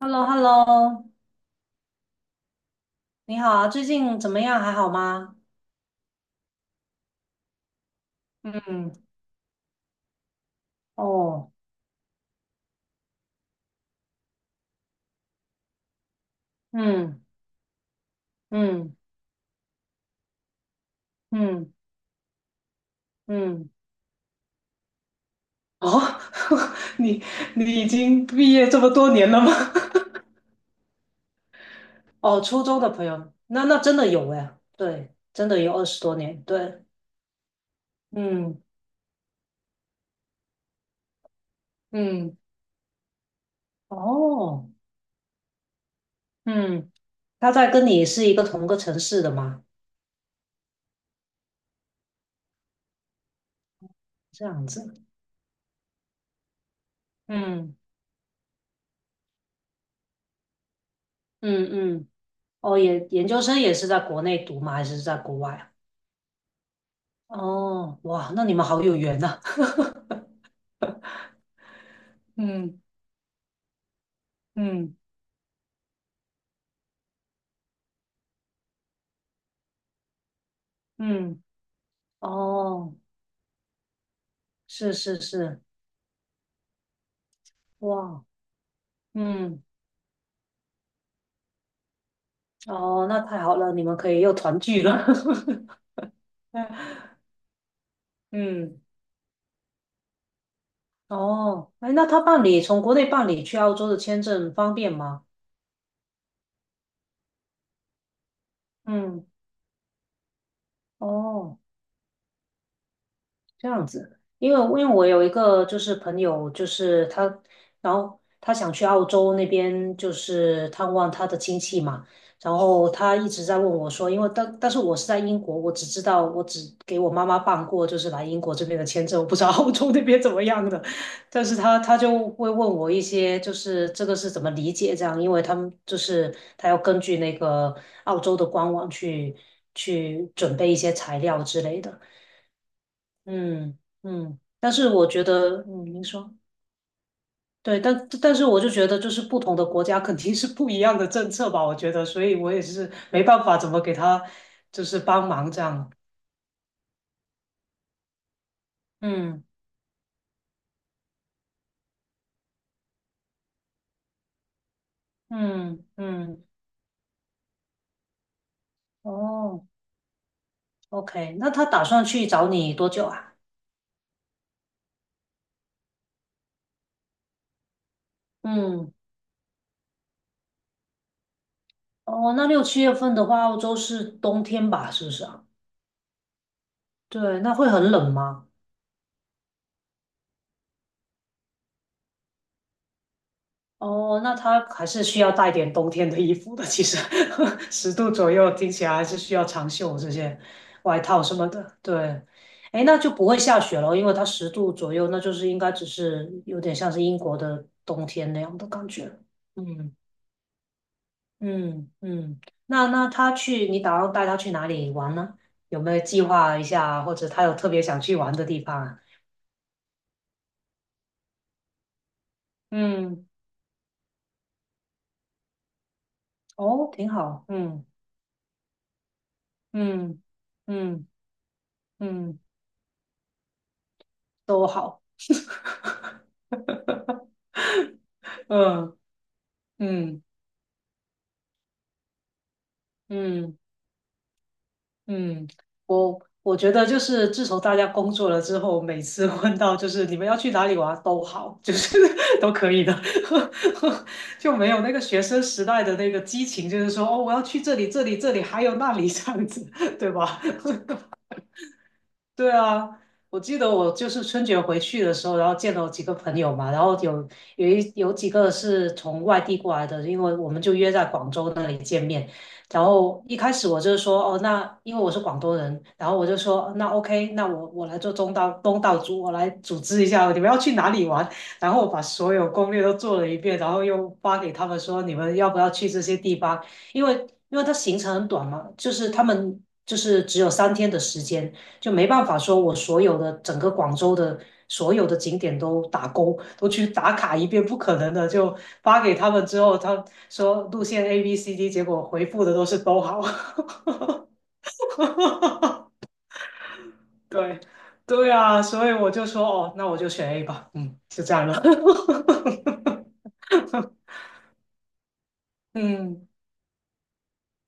h e l l o h e l l o 你好啊，最近怎么样？还好吗？嗯，哦，嗯嗯嗯嗯，哦，你你已经毕业这么多年了吗？哦，初中的朋友，那那真的有哎，对，真的有20多年，对，嗯嗯，哦，嗯，他在跟你是一个同个城市的吗？这样子，嗯嗯嗯，哦，研究生也是在国内读吗？还是在国外啊？哦，哇，那你们好有缘呐。嗯嗯嗯，哦，是是是，哇，嗯，哦，那太好了，你们可以又团聚了。嗯，哦，哎，那他办理从国内办理去澳洲的签证方便吗？嗯，哦。这样子，因为我有一个就是朋友，就是他，然后他想去澳洲那边，就是探望他的亲戚嘛。然后他一直在问我说，因为但是我是在英国，我只知道我只给我妈妈办过就是来英国这边的签证，我不知道澳洲那边怎么样的。但是他就会问我一些，就是这个是怎么理解这样，因为他们就是他要根据那个澳洲的官网去准备一些材料之类的。嗯嗯，但是我觉得，嗯，您说，对，但是我就觉得，就是不同的国家肯定是不一样的政策吧，我觉得，所以我也是没办法怎么给他就是帮忙这样。嗯嗯嗯，哦，OK，那他打算去找你多久啊？嗯，哦，那六七月份的话，澳洲是冬天吧，是不是啊？对，那会很冷吗？哦，那他还是需要带点冬天的衣服的。其实 十度左右，听起来还是需要长袖这些外套什么的。对，哎，那就不会下雪了，因为它十度左右，那就是应该只是有点像是英国的冬天那样的感觉。嗯嗯嗯，那那他去，你打算带他去哪里玩呢？有没有计划一下，或者他有特别想去玩的地方啊？嗯，哦，挺好。嗯嗯嗯嗯，都好。嗯嗯嗯嗯，我觉得就是自从大家工作了之后，每次问到就是你们要去哪里玩都好，就是 都可以的，就没有那个学生时代的那个激情，就是说哦，我要去这里这里这里，还有那里这样子，对吧？对啊，我记得我就是春节回去的时候，然后见到几个朋友嘛，然后有几个是从外地过来的，因为我们就约在广州那里见面。然后一开始我就说，哦，那因为我是广东人，然后我就说，那 OK，那我来做东道主，我来组织一下你们要去哪里玩。然后我把所有攻略都做了一遍，然后又发给他们说，你们要不要去这些地方？因为因为它行程很短嘛，就是他们就是只有3天的时间。就没办法说我所有的整个广州的所有的景点都打勾，都去打卡一遍，不可能的。就发给他们之后，他说路线 A、B、C、D，结果回复的都是都好。对，对啊，所以我就说哦，那我就选 A 吧。嗯，就这样了。嗯。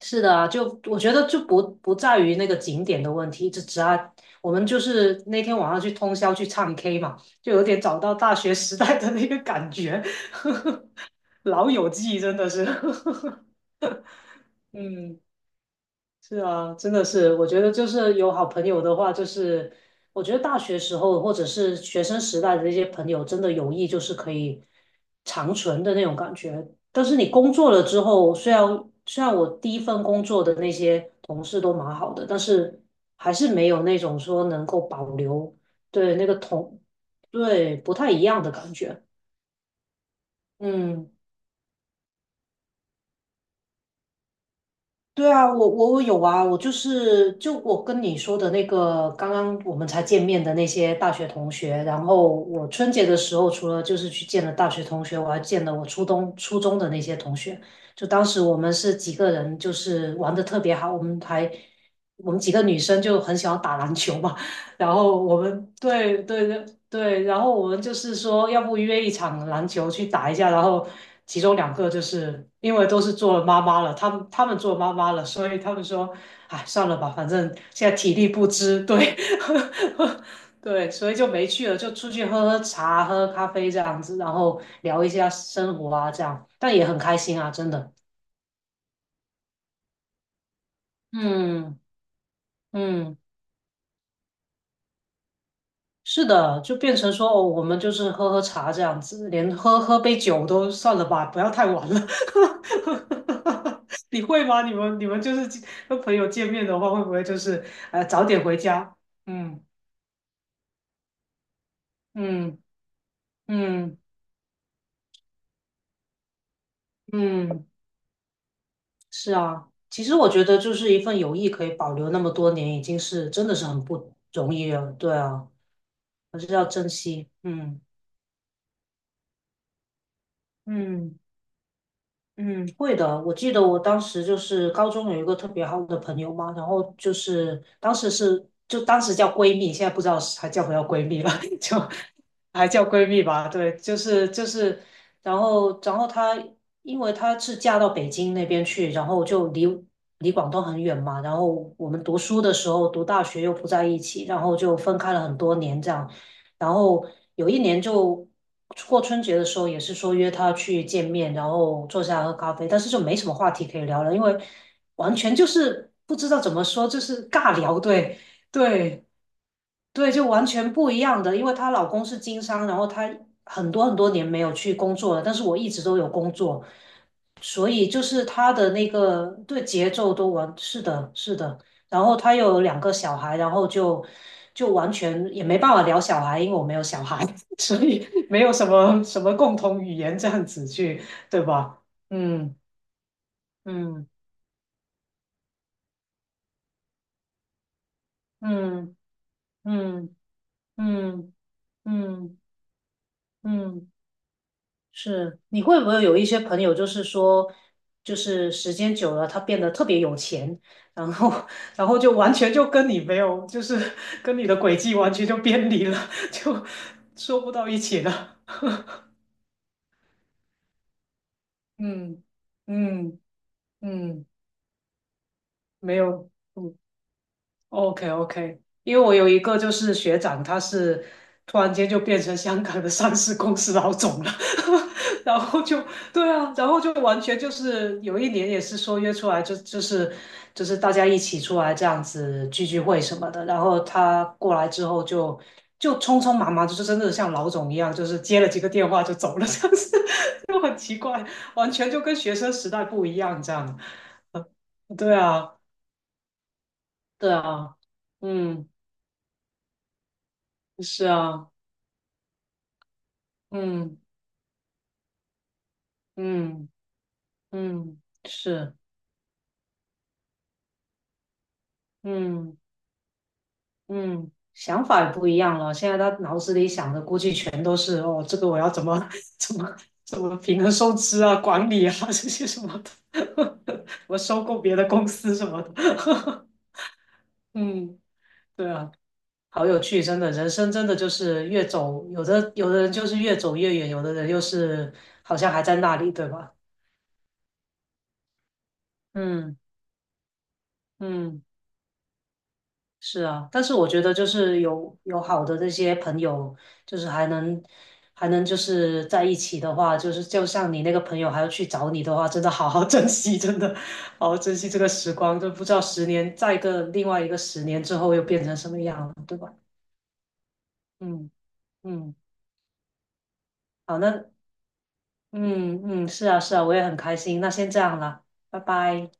是的啊，就我觉得就不在于那个景点的问题，就只要我们就是那天晚上去通宵去唱 K 嘛，就有点找到大学时代的那个感觉，老友记真的是，嗯。是啊，真的是，我觉得就是有好朋友的话，就是我觉得大学时候或者是学生时代的那些朋友，真的友谊就是可以长存的那种感觉。但是你工作了之后，虽然我第一份工作的那些同事都蛮好的，但是还是没有那种说能够保留对那个同对不太一样的感觉。嗯。对啊，我有啊，我就是就我跟你说的那个，刚刚我们才见面的那些大学同学，然后我春节的时候，除了就是去见了大学同学，我还见了我初中的那些同学。就当时我们是几个人，就是玩的特别好，我们几个女生就很喜欢打篮球嘛，然后我们对对，对。对，然后我们就是说，要不约一场篮球去打一下，然后其中两个就是因为都是做了妈妈了，他们做妈妈了，所以他们说，哎，算了吧，反正现在体力不支，对，对，所以就没去了，就出去喝喝茶、喝咖啡这样子，然后聊一下生活啊，这样，但也很开心啊，真的，嗯嗯。是的，就变成说，哦，我们就是喝喝茶这样子，连喝喝杯酒都算了吧，不要太晚了。你会吗？你们就是跟朋友见面的话，会不会就是早点回家？嗯嗯嗯嗯，是啊。其实我觉得，就是一份友谊可以保留那么多年，已经是真的是很不容易了。对啊，还是要珍惜。嗯嗯。嗯，会的。我记得我当时就是高中有一个特别好的朋友嘛，然后就是当时是就当时叫闺蜜，现在不知道是还叫不叫闺蜜了，就还叫闺蜜吧。对，就是，然后因为她是嫁到北京那边去，然后就离广东很远嘛，然后我们读书的时候读大学又不在一起，然后就分开了很多年这样。然后有一年就过春节的时候，也是说约他去见面，然后坐下来喝咖啡，但是就没什么话题可以聊了，因为完全就是不知道怎么说，就是尬聊，对对。对，就完全不一样的，因为她老公是经商，然后她很多很多年没有去工作了，但是我一直都有工作，所以就是她的那个对节奏都完，是的，是的。然后她有2个小孩，然后就完全也没办法聊小孩，因为我没有小孩，所以没有什么什么共同语言这样子去，对吧？嗯嗯嗯嗯嗯嗯嗯。嗯嗯嗯。是，你会不会有一些朋友，就是说，就是时间久了，他变得特别有钱，然后，然后就完全就跟你没有，就是跟你的轨迹完全就偏离了，就说不到一起了。嗯嗯嗯，没有，嗯 OK OK，因为我有一个就是学长，他是突然间就变成香港的上市公司老总了，然后就对啊，然后就完全就是有一年也是说约出来就是大家一起出来这样子聚会什么的，然后他过来之后就匆匆忙忙，就是真的像老总一样，就是接了几个电话就走了，这样子 就很奇怪，完全就跟学生时代不一样这样。对啊，对啊，嗯，是啊。嗯嗯嗯，是，嗯嗯，想法也不一样了。现在他脑子里想的估计全都是哦，这个我要怎么 怎么怎么平衡收支啊、管理啊 这些什么的，我收购别的公司什么的。嗯，对啊，好有趣，真的，人生真的就是越走，有的人就是越走越远，有的人又是好像还在那里，对吧？嗯嗯。是啊，但是我觉得就是有好的这些朋友，就是还能就是在一起的话，就是就像你那个朋友还要去找你的话，真的好好 珍惜，真的好好珍惜这个时光，就不知道十年再一个另外一个十年之后又变成什么样了，对吧？嗯嗯，好，那嗯嗯，是啊是啊，我也很开心，那先这样了，拜拜。